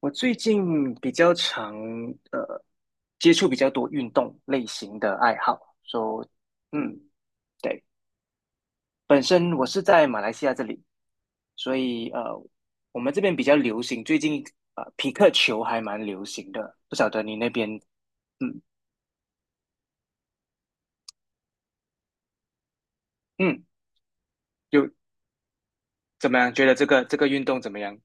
我最近比较常呃接触比较多运动类型的爱好，嗯，对。本身我是在马来西亚这里，所以我们这边比较流行，最近匹克球还蛮流行的，不晓得你那边。嗯嗯有。怎么样？觉得这个运动怎么样？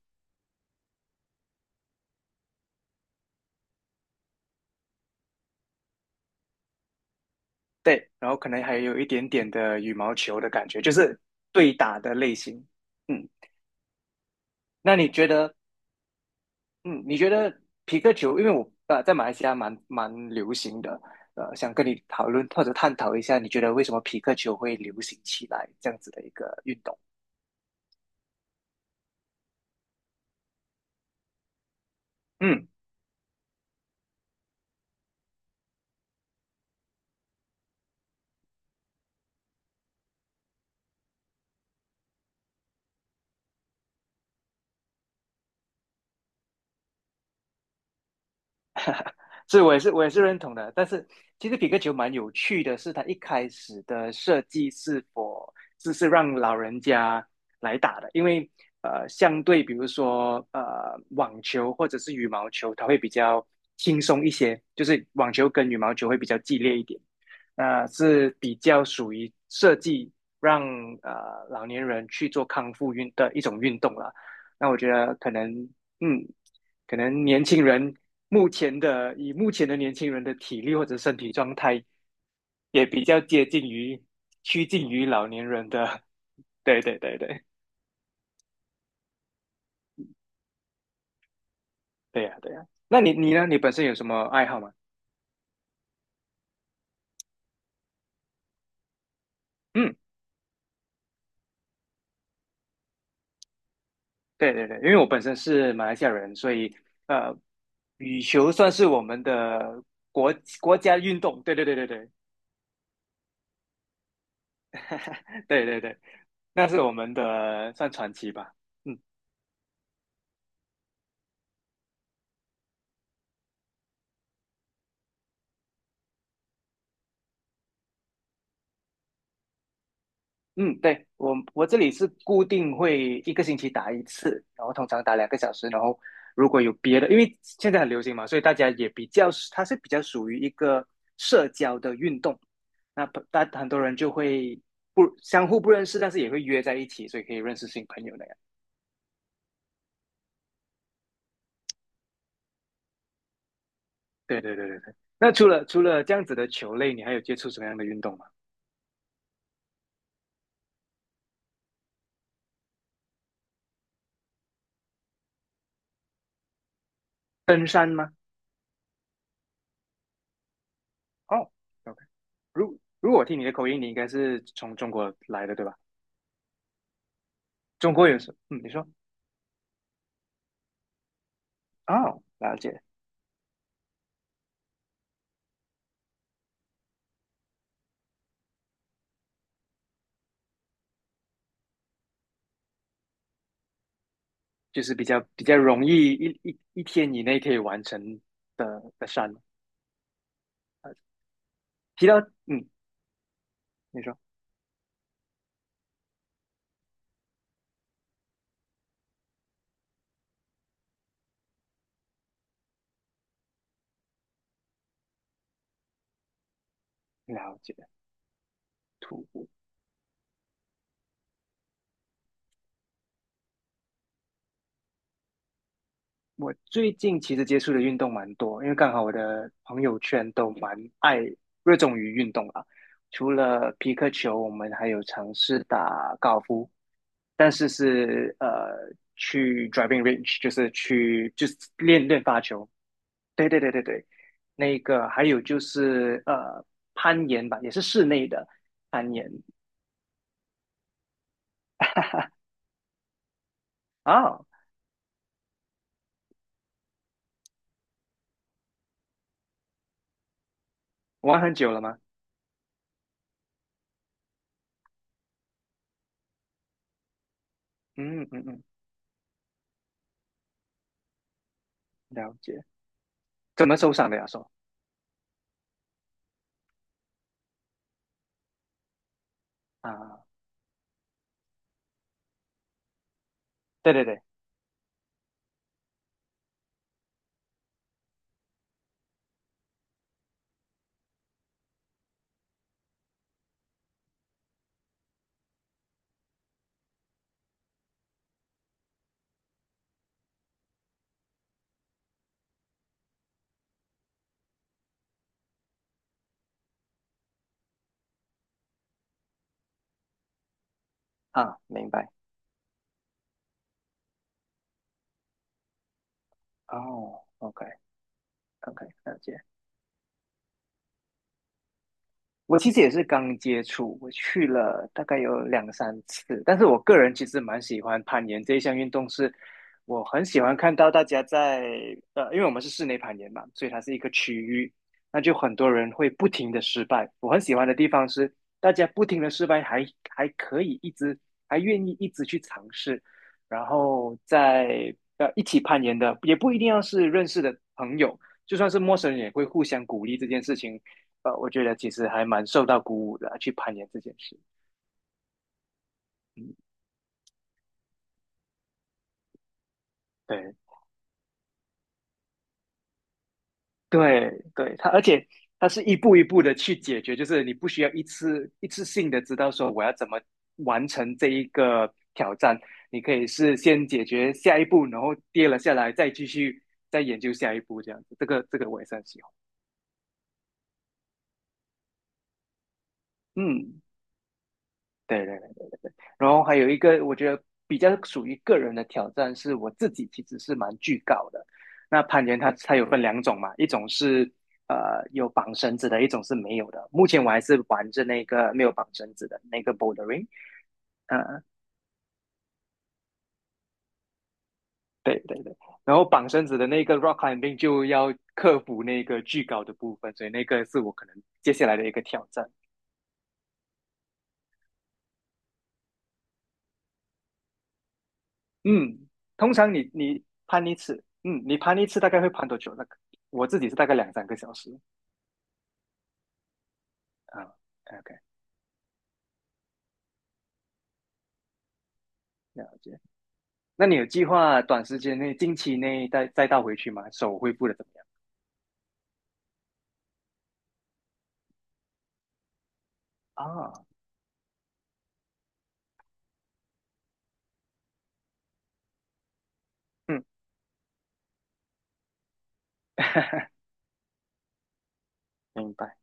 对，然后可能还有一点点的羽毛球的感觉，就是对打的类型。嗯。那你觉得嗯，你觉得皮克球，因为我在马来西亚蛮流行的，想跟你讨论或者探讨一下，你觉得为什么皮克球会流行起来这样子的一个运动？嗯。是，我也是认同的。但是其实皮克球蛮有趣的是，它一开始的设计是否是让老人家来打的，因为相对比如说网球或者是羽毛球，它会比较轻松一些，就是网球跟羽毛球会比较激烈一点，是比较属于设计让老年人去做康复运的一种运动了。那我觉得嗯，可能年轻人目前的，以目前的年轻人的体力或者身体状态，也比较接近于趋近于老年人的。对对对对，对呀对呀。那你呢？你本身有什么爱好吗？嗯，对对对，因为我本身是马来西亚人，所以呃，羽球算是我们的国国家运动。对对对对对 对对对，那是我们的算传奇吧。嗯。嗯，对，我这里是固定会一个星期打一次，然后通常打2个小时，然后如果有别的，因为现在很流行嘛，所以大家也比较，它是比较属于一个社交的运动。那很多人就会不相互不认识，但是也会约在一起，所以可以认识新朋友那样。对对对对对。那除了这样子的球类，你还有接触什么样的运动吗？登山吗？哦，OK。如果我听你的口音，你应该是从中国来的，对吧？中国有什嗯，你说。哦，了解。就是比较容易一天以内可以完成的山。呃，提到嗯，你说。了解。徒步，我最近其实接触的运动蛮多，因为刚好我的朋友圈都蛮爱热衷于运动啦。除了皮克球，我们还有尝试打高尔夫，但是去 driving range，就是去就是练练发球。对对对对对，那个还有就是攀岩吧，也是室内的攀岩啊。玩很久了吗？嗯嗯嗯，了解。怎么受伤的呀？说啊，对对对啊，明白。哦，OK。 OK，了解。我其实也是刚接触，我去了大概有两三次，但是我个人其实蛮喜欢攀岩这一项运动是，我很喜欢看到大家在因为我们是室内攀岩嘛，所以它是一个区域，那就很多人会不停的失败。我很喜欢的地方是，大家不停的失败还可以一直还愿意一直去尝试，然后在一起攀岩的也不一定要是认识的朋友，就算是陌生人也会互相鼓励这件事情。我觉得其实还蛮受到鼓舞的啊去攀岩这件事。嗯，对对对。而且它是一步一步的去解决，就是你不需要一次性的知道说我要怎么完成这一个挑战，你可以是先解决下一步，然后跌了下来，再继续再研究下一步这样子。这个我也是很喜欢。嗯，对对。然后还有一个，我觉得比较属于个人的挑战，是我自己其实是蛮惧高的。那攀岩它有分两种嘛，一种是有绑绳子的，一种是没有的。目前我还是玩着那个没有绑绳子的那个 bouldering。呃，对对对。然后绑绳子的那个 rock climbing 就要克服那个巨高的部分，所以那个是我可能接下来的一个挑战。嗯。通常你攀一次，嗯，你攀一次大概会攀多久？那个我自己是大概两三个小时啊。OK。了解。那你有计划短时间内、近期内再倒回去吗？手恢复的怎么样？啊，嗯，明白，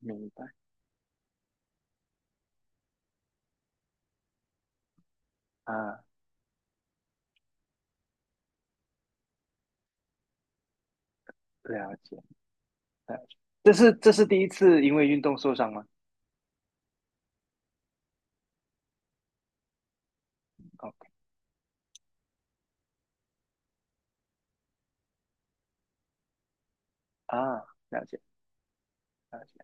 明白。啊，了解，了解。这是第一次因为运动受伤吗？OK。 啊，了解，了解。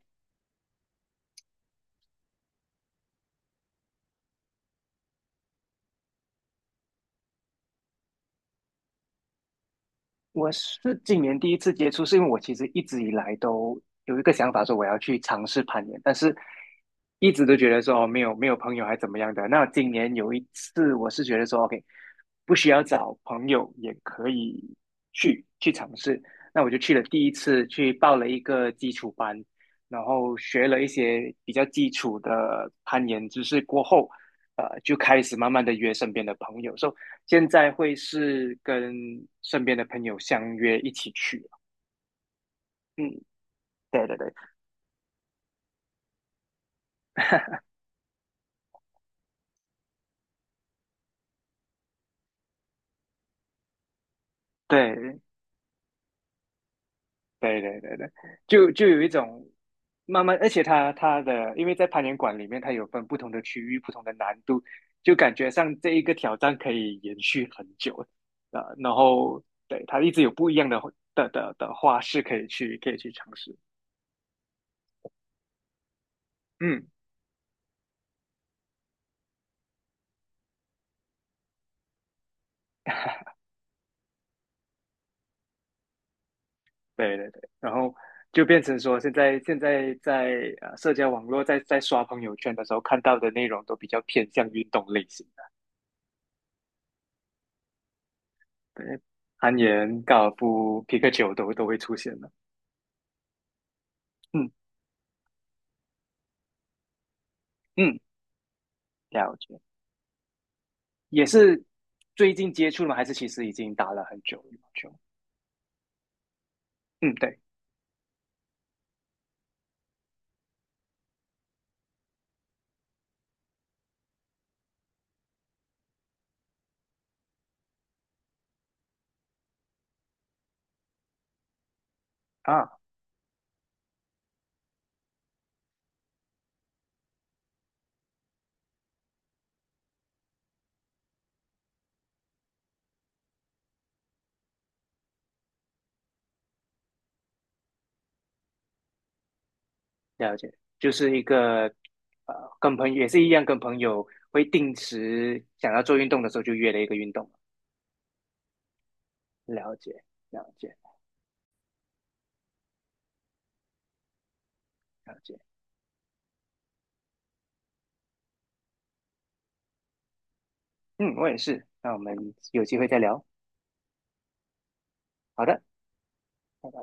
我是今年第一次接触，是因为我其实一直以来都有一个想法，说我要去尝试攀岩，但是一直都觉得说哦没有朋友还怎么样的。那今年有一次，我是觉得说，OK，不需要找朋友也可以去尝试。那我就去了第一次，去报了一个基础班，然后学了一些比较基础的攀岩知识过后，就开始慢慢的约身边的朋友。说。现在会是跟身边的朋友相约一起去啊。嗯，对对对对对对对对。就有一种慢慢，而且它的，因为在攀岩馆里面，它有分不同的区域、不同的难度，就感觉上这一个挑战可以延续很久啊、然后对它一直有不一样的花式可以去尝试。嗯，对对对。然后就变成说，现在在社交网络在刷朋友圈的时候看到的内容都比较偏向运动类型的。对，攀岩、高尔夫、皮克球都会出现的。嗯嗯，了解，也是最近接触了吗？还是其实已经打了很久羽毛球？嗯，对啊，了解，就是一个跟朋友也是一样，跟朋友会定时想要做运动的时候就约了一个运动。了解，了解，了解。嗯，我也是。那我们有机会再聊。好的，拜拜。